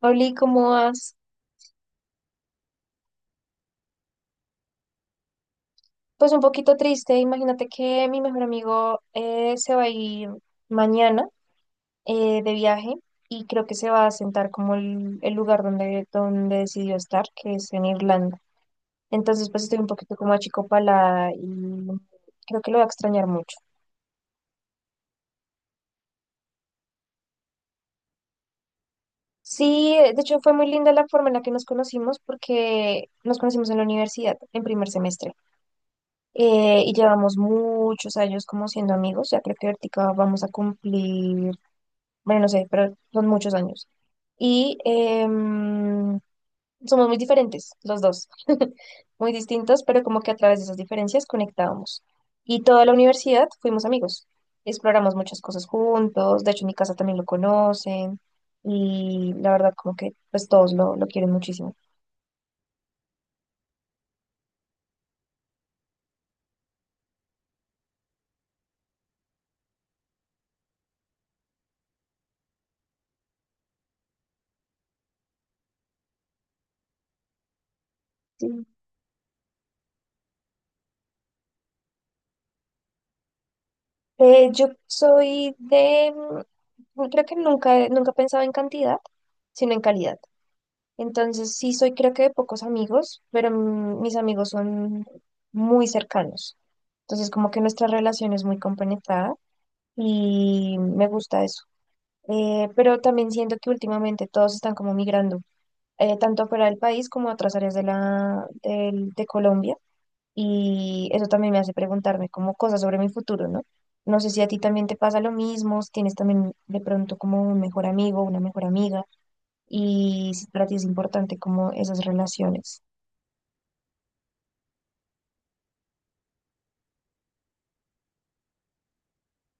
Oli, ¿cómo vas? Pues un poquito triste. Imagínate que mi mejor amigo se va a ir mañana de viaje y creo que se va a sentar como el lugar donde decidió estar, que es en Irlanda. Entonces, pues estoy un poquito como achicopalada y creo que lo va a extrañar mucho. Sí, de hecho fue muy linda la forma en la que nos conocimos porque nos conocimos en la universidad en primer semestre, y llevamos muchos años como siendo amigos. Ya creo que ahorita vamos a cumplir. Bueno, no sé, pero son muchos años. Y somos muy diferentes, los dos, muy distintos, pero como que a través de esas diferencias conectábamos. Y toda la universidad fuimos amigos, exploramos muchas cosas juntos, de hecho en mi casa también lo conocen y la verdad como que pues todos lo quieren muchísimo. Sí. Yo soy de, creo que nunca pensaba en cantidad, sino en calidad. Entonces, sí soy creo que de pocos amigos, pero mis amigos son muy cercanos. Entonces, como que nuestra relación es muy compenetrada y me gusta eso. Pero también siento que últimamente todos están como migrando, tanto fuera del país como a otras áreas de de Colombia. Y eso también me hace preguntarme como cosas sobre mi futuro, ¿no? No sé si a ti también te pasa lo mismo, si tienes también de pronto como un mejor amigo, una mejor amiga, y si para ti es importante como esas relaciones.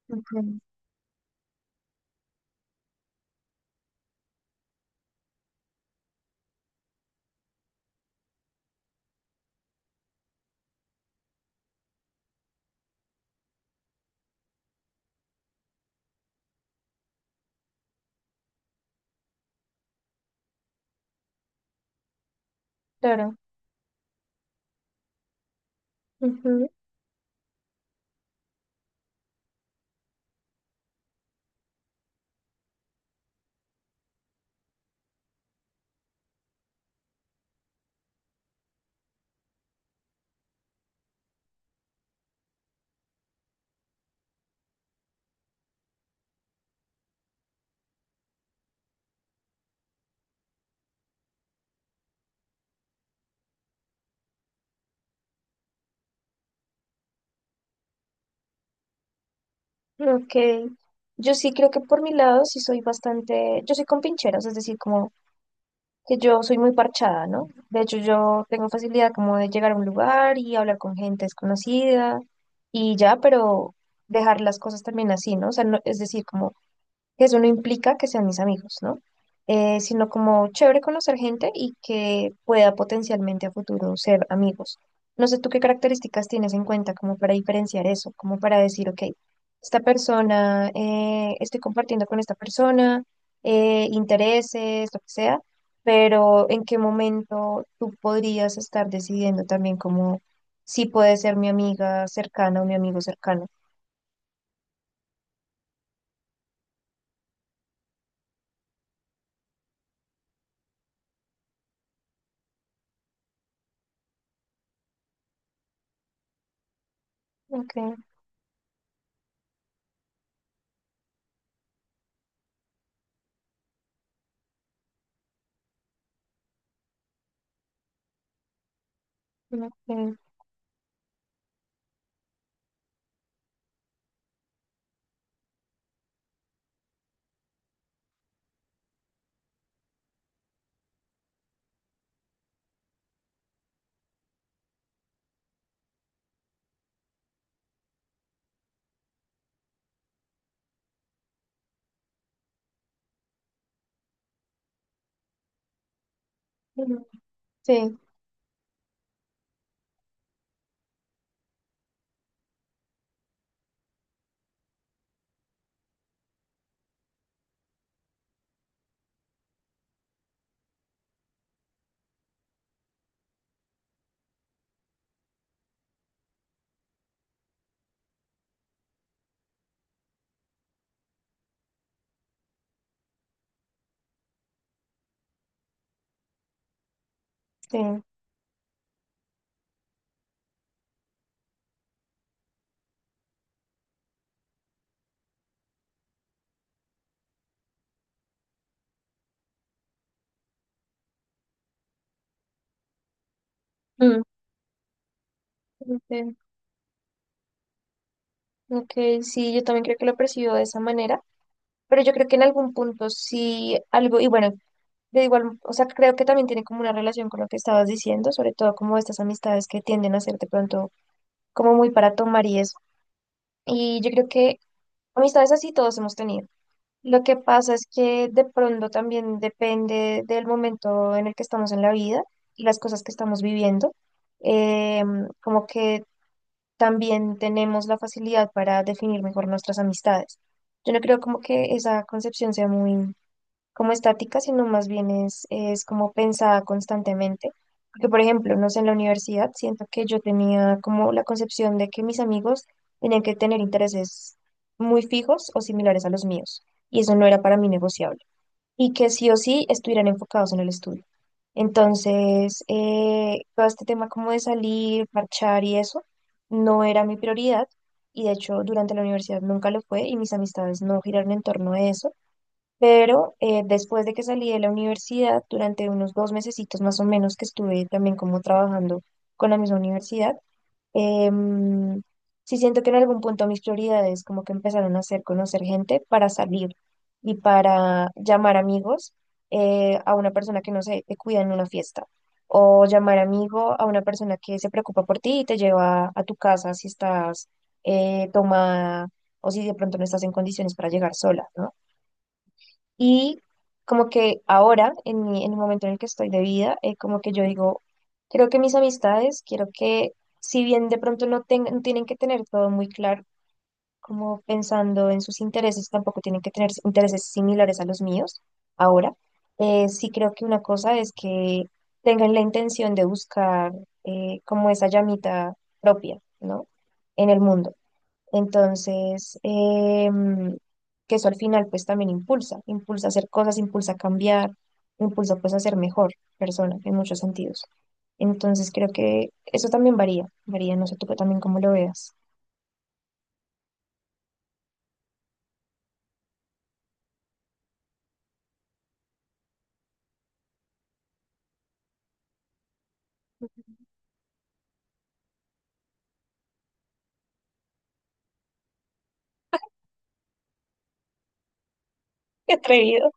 Ujú. Claro. Ujú. Ok. Yo sí creo que por mi lado sí soy bastante, yo soy con pincheras, es decir, como que yo soy muy parchada, ¿no? De hecho, yo tengo facilidad como de llegar a un lugar y hablar con gente desconocida y ya, pero dejar las cosas también así, ¿no? O sea, es decir, como que eso no implica que sean mis amigos, ¿no? Sino como chévere conocer gente y que pueda potencialmente a futuro ser amigos. No sé tú qué características tienes en cuenta como para diferenciar eso, como para decir, ok, esta persona, estoy compartiendo con esta persona, intereses, lo que sea, pero en qué momento tú podrías estar decidiendo también como si puede ser mi amiga cercana o mi amigo cercano. Ok, ok. Ujú. Sí, sí. Mm, ok, ok, sí, yo también creo que lo percibo de esa manera, pero yo creo que en algún punto sí algo, y bueno, de igual, o sea, creo que también tiene como una relación con lo que estabas diciendo, sobre todo como estas amistades que tienden a ser de pronto como muy para tomar y eso. Y yo creo que amistades así todos hemos tenido. Lo que pasa es que de pronto también depende del momento en el que estamos en la vida y las cosas que estamos viviendo. Como que también tenemos la facilidad para definir mejor nuestras amistades. Yo no creo como que esa concepción sea muy como estática, sino más bien es como pensada constantemente. Porque, por ejemplo, no sé, en la universidad siento que yo tenía como la concepción de que mis amigos tenían que tener intereses muy fijos o similares a los míos, y eso no era para mí negociable y que sí o sí estuvieran enfocados en el estudio. Entonces, todo este tema como de salir, marchar y eso, no era mi prioridad y de hecho durante la universidad nunca lo fue y mis amistades no giraron en torno a eso. Pero después de que salí de la universidad, durante unos dos mesecitos más o menos que estuve también como trabajando con la misma universidad, em, sí siento que en algún punto mis prioridades como que empezaron a hacer conocer gente para salir y para llamar amigos, a una persona que no sé, te cuida en una fiesta, o llamar amigo a una persona que se preocupa por ti y te lleva a tu casa si estás, eh, o si de pronto no estás en condiciones para llegar sola, ¿no? Y como que ahora, en en el momento en el que estoy de vida, como que yo digo, creo que mis amistades, quiero que, si bien de pronto no tienen que tener todo muy claro, como pensando en sus intereses, tampoco tienen que tener intereses similares a los míos ahora, sí creo que una cosa es que tengan la intención de buscar, como esa llamita propia, ¿no? En el mundo. Entonces, que eso al final pues también impulsa a hacer cosas, impulsa a cambiar, impulsa pues a ser mejor persona en muchos sentidos. Entonces creo que eso también varía, no sé tú también cómo lo veas. Qué atrevido.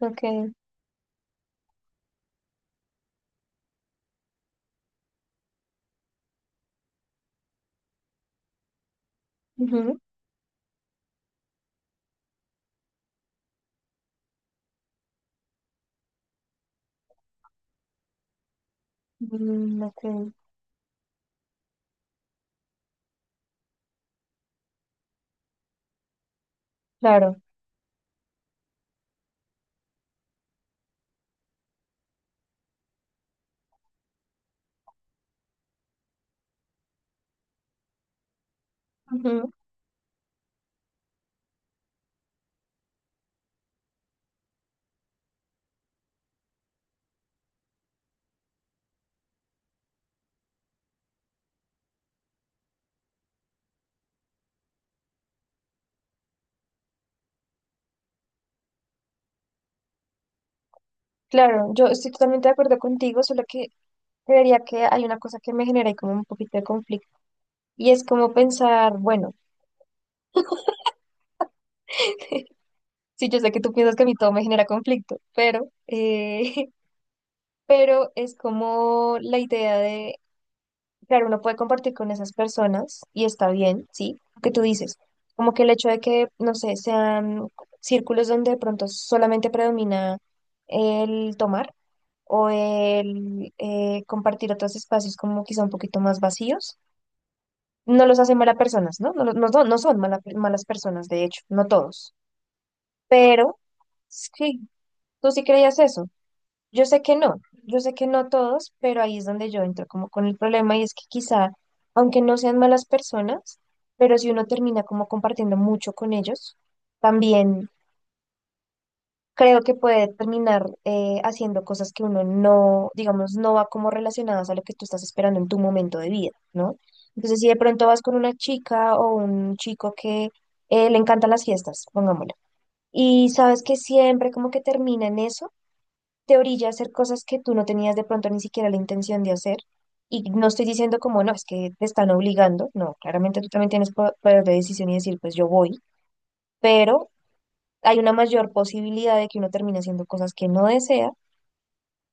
Ok. Ujú. Mm, ok. Claro. Ujú. Claro, yo estoy totalmente de acuerdo contigo, solo que creería que hay una cosa que me genera ahí como un poquito de conflicto y es como pensar, bueno. Sí, yo sé que tú piensas que a mí todo me genera conflicto, pero, pero es como la idea de, claro, uno puede compartir con esas personas y está bien, ¿sí? Lo que tú dices, como que el hecho de que, no sé, sean círculos donde de pronto solamente predomina el tomar o el compartir otros espacios como quizá un poquito más vacíos, no los hacen malas personas, ¿no? No, no son malas personas, de hecho, no todos, pero sí, tú sí creías eso. Yo sé que no, yo sé que no todos, pero ahí es donde yo entro como con el problema y es que quizá, aunque no sean malas personas, pero si uno termina como compartiendo mucho con ellos, también creo que puede terminar haciendo cosas que uno no, digamos, no va como relacionadas a lo que tú estás esperando en tu momento de vida, ¿no? Entonces, si de pronto vas con una chica o un chico que le encantan las fiestas, pongámoslo, y sabes que siempre como que termina en eso, te orilla a hacer cosas que tú no tenías de pronto ni siquiera la intención de hacer. Y no estoy diciendo como, no, es que te están obligando, no, claramente tú también tienes poder de decisión y decir, pues yo voy, pero hay una mayor posibilidad de que uno termine haciendo cosas que no desea,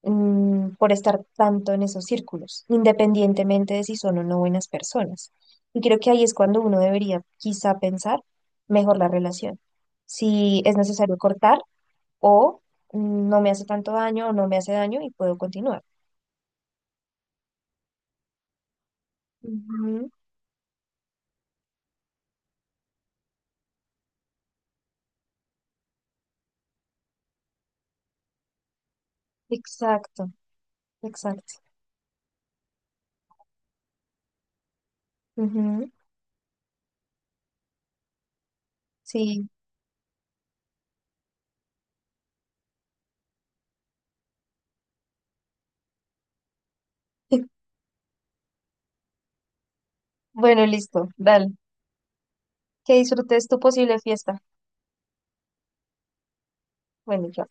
por estar tanto en esos círculos, independientemente de si son o no buenas personas. Y creo que ahí es cuando uno debería quizá pensar mejor la relación, si es necesario cortar o, no me hace tanto daño o no me hace daño y puedo continuar. Ujú. Exacto, exacto. Ujú. Sí. Bueno, listo, dale. Que disfrutes tu posible fiesta. Bueno, ya.